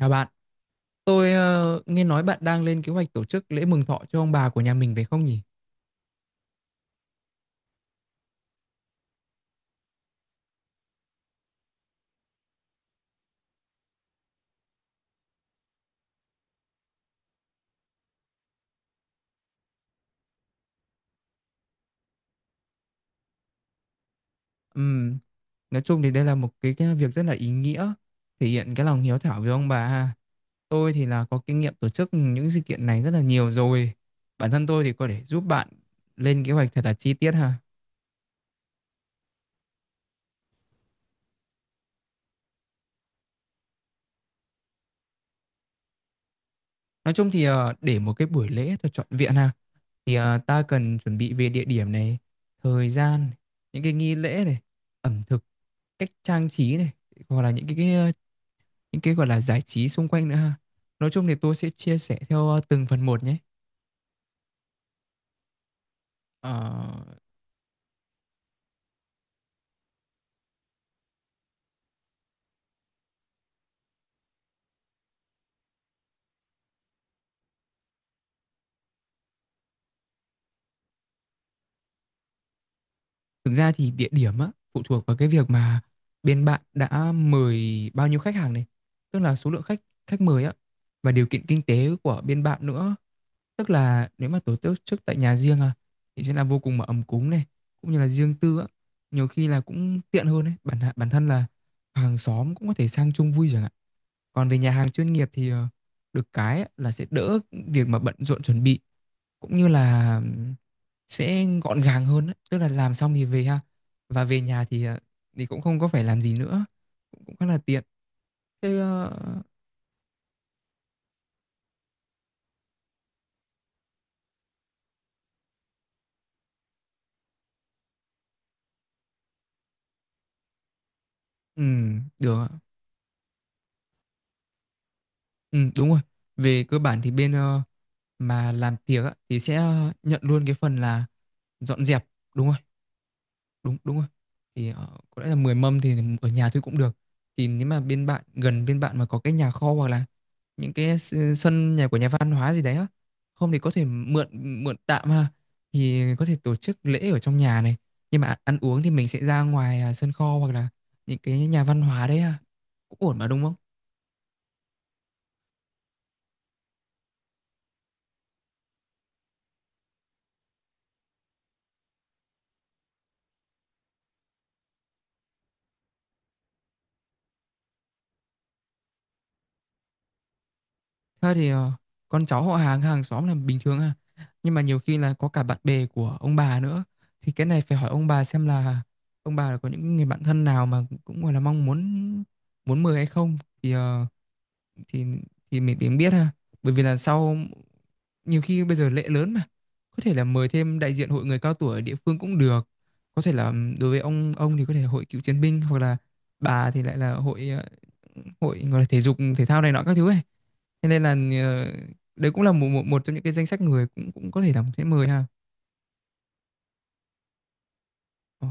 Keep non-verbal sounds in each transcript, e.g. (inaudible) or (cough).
Chào bạn, tôi nghe nói bạn đang lên kế hoạch tổ chức lễ mừng thọ cho ông bà của nhà mình phải không nhỉ? Ừm, nói chung thì đây là một cái việc rất là ý nghĩa, thể hiện cái lòng hiếu thảo với ông bà ha. Tôi thì là có kinh nghiệm tổ chức những sự kiện này rất là nhiều rồi. Bản thân tôi thì có thể giúp bạn lên kế hoạch thật là chi tiết ha. Nói chung thì để một cái buổi lễ thật trọn vẹn ha, thì ta cần chuẩn bị về địa điểm này, thời gian, những cái nghi lễ này, ẩm thực, cách trang trí này, hoặc là những cái gọi là giải trí xung quanh nữa ha. Nói chung thì tôi sẽ chia sẻ theo từng phần một nhé. Ờ, Thực ra thì địa điểm á, phụ thuộc vào cái việc mà bên bạn đã mời bao nhiêu khách hàng này, tức là số lượng khách khách mời á, và điều kiện kinh tế của bên bạn nữa. Tức là nếu mà tổ chức tại nhà riêng à, thì sẽ là vô cùng mà ấm cúng này, cũng như là riêng tư á, nhiều khi là cũng tiện hơn đấy. Bản bản thân là hàng xóm cũng có thể sang chung vui chẳng hạn. Còn về nhà hàng chuyên nghiệp thì được cái là sẽ đỡ việc mà bận rộn chuẩn bị, cũng như là sẽ gọn gàng hơn á, tức là làm xong thì về ha. Và về nhà thì cũng không có phải làm gì nữa, cũng cũng khá là tiện. Thế được ạ. Đúng rồi. Về cơ bản thì bên mà làm tiệc á, thì sẽ nhận luôn cái phần là dọn dẹp, đúng không? Đúng đúng rồi. Thì có lẽ là 10 mâm thì ở nhà thôi cũng được. Thì nếu mà bên bạn, gần bên bạn mà có cái nhà kho, hoặc là những cái sân nhà của nhà văn hóa gì đấy á, không thì có thể mượn mượn tạm ha, thì có thể tổ chức lễ ở trong nhà này, nhưng mà ăn uống thì mình sẽ ra ngoài à, sân kho, hoặc là những cái nhà văn hóa đấy ha, cũng ổn mà đúng không? Thật thì con cháu họ hàng hàng xóm là bình thường à. Nhưng mà nhiều khi là có cả bạn bè của ông bà nữa. Thì cái này phải hỏi ông bà xem là ông bà có những người bạn thân nào mà cũng gọi là mong muốn muốn mời hay không. Thì thì mình tìm biết ha, bởi vì là sau, nhiều khi bây giờ lễ lớn mà có thể là mời thêm đại diện hội người cao tuổi ở địa phương cũng được. Có thể là đối với ông thì có thể là hội cựu chiến binh, hoặc là bà thì lại là hội hội gọi là thể dục thể thao này nọ các thứ ấy, thế nên là ờ, đấy cũng là một, một một trong những cái danh sách người cũng cũng có thể là sẽ mời ha. Ờ,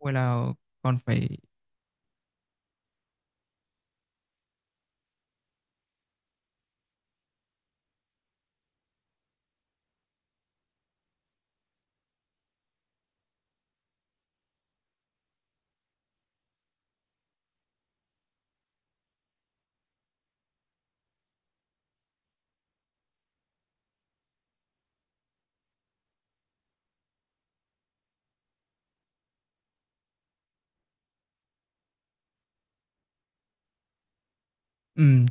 Hoặc là còn phải. Ừm,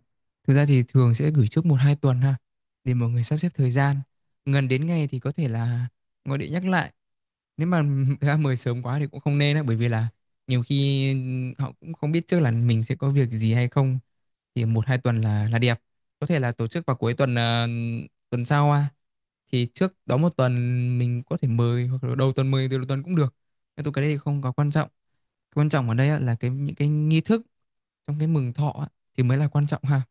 Thực ra thì thường sẽ gửi trước một hai tuần ha, để mọi người sắp xếp thời gian. Gần đến ngày thì có thể là gọi điện nhắc lại. Nếu mà (laughs) ra mời sớm quá thì cũng không nên á, bởi vì là nhiều khi họ cũng không biết trước là mình sẽ có việc gì hay không. Thì một hai tuần là đẹp. Có thể là tổ chức vào cuối tuần tuần sau à. Thì trước đó một tuần mình có thể mời, hoặc là đầu tuần, mời từ đầu tuần cũng được. Nhưng tôi cái đấy thì không có quan trọng. Quan trọng ở đây á, là cái những cái nghi thức trong cái mừng thọ thì mới là quan trọng ha.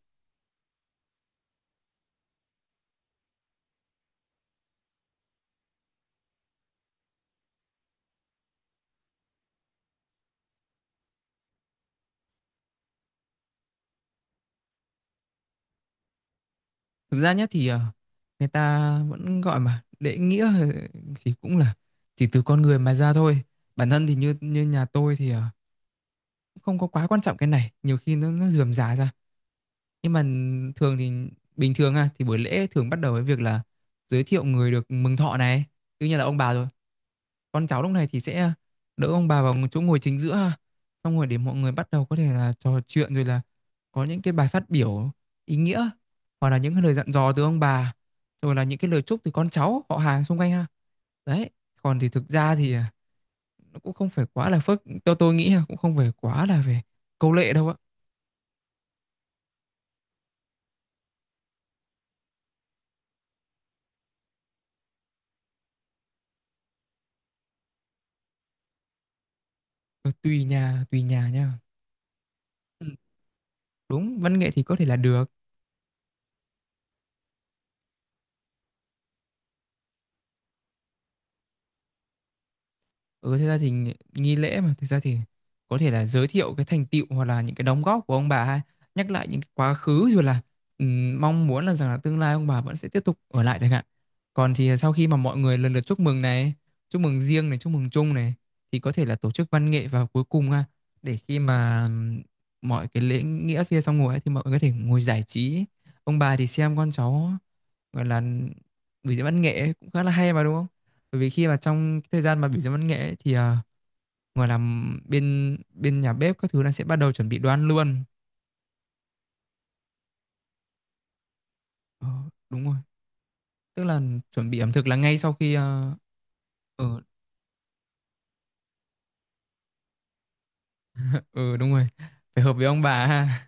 Thực ra nhé thì người ta vẫn gọi mà lễ nghĩa, thì cũng là chỉ từ con người mà ra thôi. Bản thân thì như như nhà tôi thì cũng không có quá quan trọng cái này, nhiều khi nó rườm rà ra. Nhưng mà thường thì bình thường à, thì buổi lễ thường bắt đầu với việc là giới thiệu người được mừng thọ này, tự nhiên là ông bà rồi. Con cháu lúc này thì sẽ đỡ ông bà vào chỗ ngồi chính giữa ha. Xong rồi để mọi người bắt đầu, có thể là trò chuyện, rồi là có những cái bài phát biểu ý nghĩa, hoặc là những cái lời dặn dò từ ông bà, rồi là những cái lời chúc từ con cháu họ hàng xung quanh ha, đấy. Còn thì thực ra thì à, nó cũng không phải quá là phức, theo tôi nghĩ là cũng không phải quá là về câu lệ đâu ạ. Ừ, tùy nhà nha. Ừ, đúng. Văn nghệ thì có thể là được. Ừ, thực ra thì nghi nghi lễ mà, thực ra thì có thể là giới thiệu cái thành tựu, hoặc là những cái đóng góp của ông bà, hay nhắc lại những cái quá khứ, rồi là mong muốn là rằng là tương lai ông bà vẫn sẽ tiếp tục ở lại chẳng hạn. Còn thì sau khi mà mọi người lần lượt chúc mừng này, chúc mừng riêng này, chúc mừng chung này, thì có thể là tổ chức văn nghệ vào cuối cùng ha, để khi mà mọi cái lễ nghĩa kia xong rồi ấy, thì mọi người có thể ngồi giải trí, ông bà thì xem con cháu gọi là biểu diễn văn nghệ ấy, cũng khá là hay mà đúng không? Bởi vì khi mà trong cái thời gian mà biểu diễn văn nghệ ấy, thì, gọi là, bên bên nhà bếp các thứ là sẽ bắt đầu chuẩn bị đồ ăn luôn. Ờ, đúng rồi, tức là chuẩn bị ẩm thực là ngay sau khi, à, ờ ừ, ừ, đúng rồi, phải hợp với ông bà ha.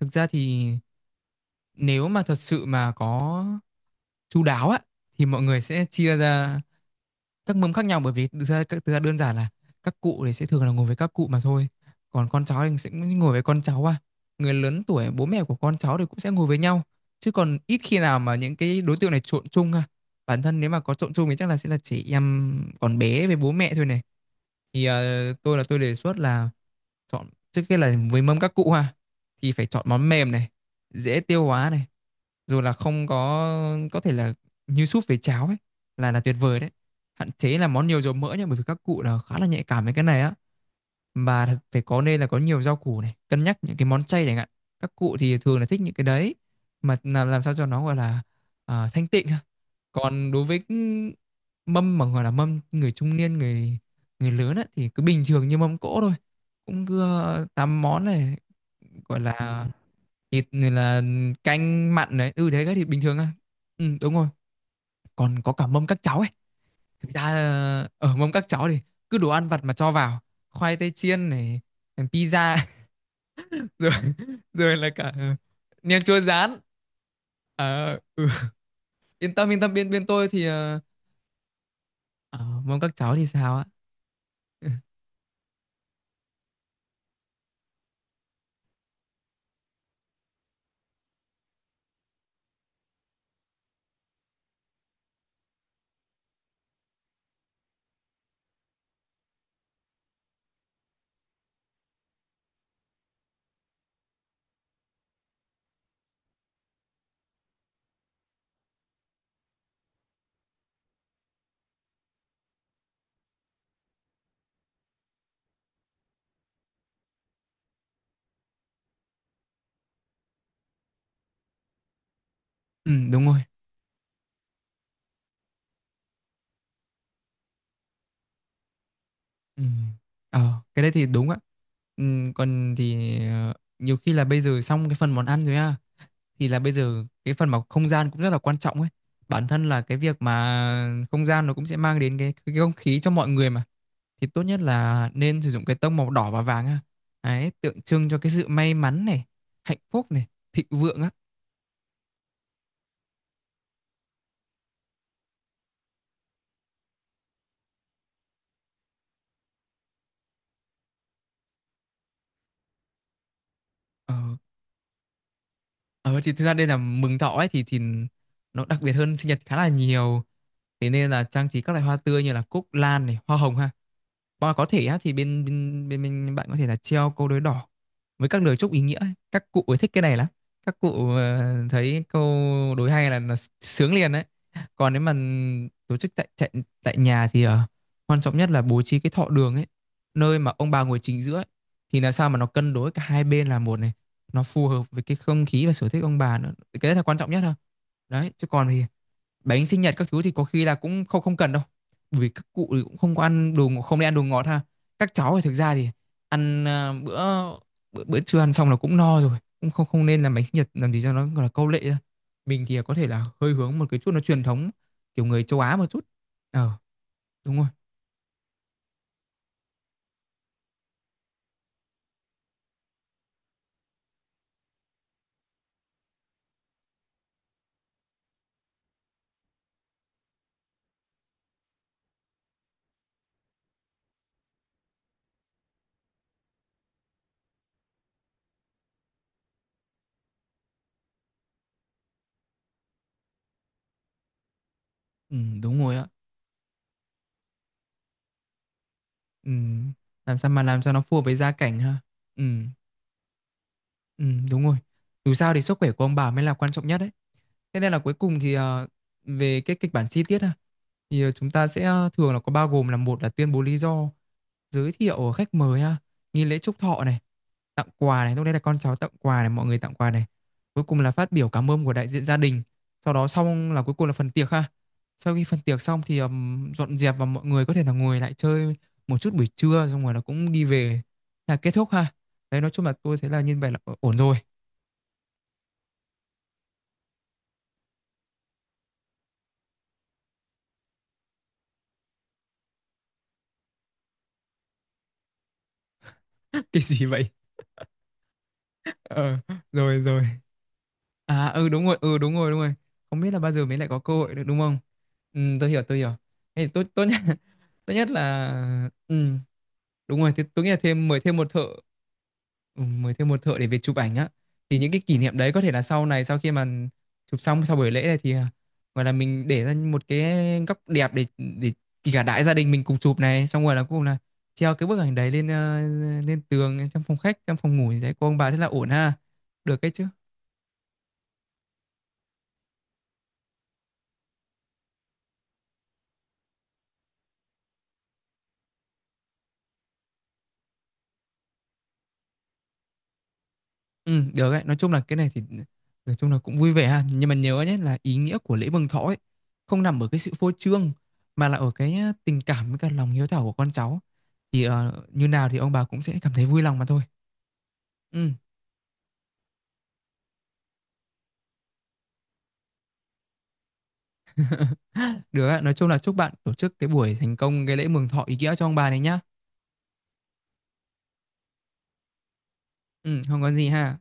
Thực ra thì nếu mà thật sự mà có chu đáo á, thì mọi người sẽ chia ra các mâm khác nhau, bởi vì thực ra đơn giản là các cụ thì sẽ thường là ngồi với các cụ mà thôi, còn con cháu thì sẽ ngồi với con cháu à, người lớn tuổi, bố mẹ của con cháu thì cũng sẽ ngồi với nhau, chứ còn ít khi nào mà những cái đối tượng này trộn chung à, bản thân nếu mà có trộn chung thì chắc là sẽ là chị em, còn bé với bố mẹ thôi này. Thì tôi là tôi đề xuất là chọn trước kia là với mâm các cụ ha. Thì phải chọn món mềm này, dễ tiêu hóa này, rồi là không có, có thể là như súp với cháo ấy là tuyệt vời đấy. Hạn chế là món nhiều dầu mỡ nhá, bởi vì các cụ là khá là nhạy cảm với cái này á. Và phải có, nên là có nhiều rau củ này, cân nhắc những cái món chay chẳng hạn. Các cụ thì thường là thích những cái đấy, mà làm sao cho nó gọi là à, thanh tịnh ha. Còn đối với cái mâm mà gọi là mâm người trung niên, người người lớn á, thì cứ bình thường như mâm cỗ thôi, cũng cứ tám món này, gọi là thịt này, là canh mặn đấy, ừ, thế cái thịt bình thường á. Ừ, đúng rồi, còn có cả mâm các cháu ấy. Thực ra ở mâm các cháu thì cứ đồ ăn vặt mà cho vào, khoai tây chiên này, pizza, (laughs) rồi rồi là cả nem chua rán. Ờ, ừ. Yên tâm, bên bên tôi thì ở mâm các cháu thì sao á. (laughs) Ừ, đúng rồi, ừ. Ờ cái đấy thì đúng á. Ừ, còn thì nhiều khi là bây giờ xong cái phần món ăn rồi á, thì là bây giờ cái phần mà không gian cũng rất là quan trọng ấy. Bản thân là cái việc mà không gian nó cũng sẽ mang đến cái không khí cho mọi người mà, thì tốt nhất là nên sử dụng cái tông màu đỏ và vàng ha. Đấy tượng trưng cho cái sự may mắn này, hạnh phúc này, thịnh vượng á. Ờ, ờ thì thực ra đây là mừng thọ ấy thì nó đặc biệt hơn sinh nhật khá là nhiều, thế nên là trang trí các loại hoa tươi như là cúc lan này, hoa hồng ha. Và có thể á, thì bên bên bên bên bạn có thể là treo câu đối đỏ với các lời chúc ý nghĩa ấy. Các cụ ấy thích cái này lắm. Các cụ thấy câu đối hay là sướng liền đấy. Còn nếu mà tổ chức tại tại, tại nhà thì quan trọng nhất là bố trí cái thọ đường ấy, nơi mà ông bà ngồi chính giữa ấy, thì làm sao mà nó cân đối cả hai bên là một này, nó phù hợp với cái không khí và sở thích ông bà nữa. Cái đấy là quan trọng nhất thôi. Đấy, chứ còn thì bánh sinh nhật các thứ thì có khi là cũng không không cần đâu, bởi vì các cụ thì cũng không có ăn đồ ngọt- không nên ăn đồ ngọt ha. Các cháu thì thực ra thì ăn bữa bữa trưa ăn xong là cũng no rồi, cũng không không nên làm bánh sinh nhật làm gì cho nó gọi là câu lệ ra. Mình thì có thể là hơi hướng một cái chút nó truyền thống, kiểu người châu Á một chút. Ờ đúng rồi. Ừ, đúng rồi ạ. Ừ. Làm sao mà làm cho nó phù hợp với gia cảnh ha. Ừ, ừ đúng rồi. Dù sao thì sức khỏe của ông bà mới là quan trọng nhất đấy. Thế nên là cuối cùng thì về cái kịch bản chi tiết ha, thì chúng ta sẽ thường là có bao gồm là một là tuyên bố lý do, giới thiệu khách mời ha, nghi lễ chúc thọ này, tặng quà này, lúc đấy là con cháu tặng quà này, mọi người tặng quà này. Cuối cùng là phát biểu cảm ơn của đại diện gia đình. Sau đó xong là cuối cùng là phần tiệc ha. Sau khi phần tiệc xong thì dọn dẹp và mọi người có thể là ngồi lại chơi một chút buổi trưa xong rồi là cũng đi về, là kết thúc ha. Đấy nói chung là tôi thấy là như vậy là ổn rồi. (laughs) Cái gì vậy? Ờ, rồi rồi. À ừ đúng rồi, đúng rồi. Không biết là bao giờ mới lại có cơ hội được đúng không? Ừ, tôi hiểu, tôi hiểu. Thế thì tốt tốt nhất (laughs) tốt nhất là ừ, đúng rồi, tôi nghĩ là thêm mời thêm một thợ. Ừ, mời thêm một thợ để về chụp ảnh á, thì những cái kỷ niệm đấy có thể là sau này, sau khi mà chụp xong sau buổi lễ này thì à, gọi là mình để ra một cái góc đẹp để để kể cả đại gia đình mình cùng chụp này xong rồi là cuối cùng là treo cái bức ảnh đấy lên lên tường trong phòng khách, trong phòng ngủ gì đấy của ông bà, thế là ổn ha, được cái chứ. Ừ, được đấy. Nói chung là cái này thì nói chung là cũng vui vẻ ha. Nhưng mà nhớ nhé là ý nghĩa của lễ mừng thọ ấy không nằm ở cái sự phô trương mà là ở cái tình cảm với cả lòng hiếu thảo của con cháu. Thì như nào thì ông bà cũng sẽ cảm thấy vui lòng mà thôi. Ừ, được ạ. Nói chung là chúc bạn tổ chức cái buổi thành công cái lễ mừng thọ ý nghĩa cho ông bà này nhá. Ừ, không có gì ha.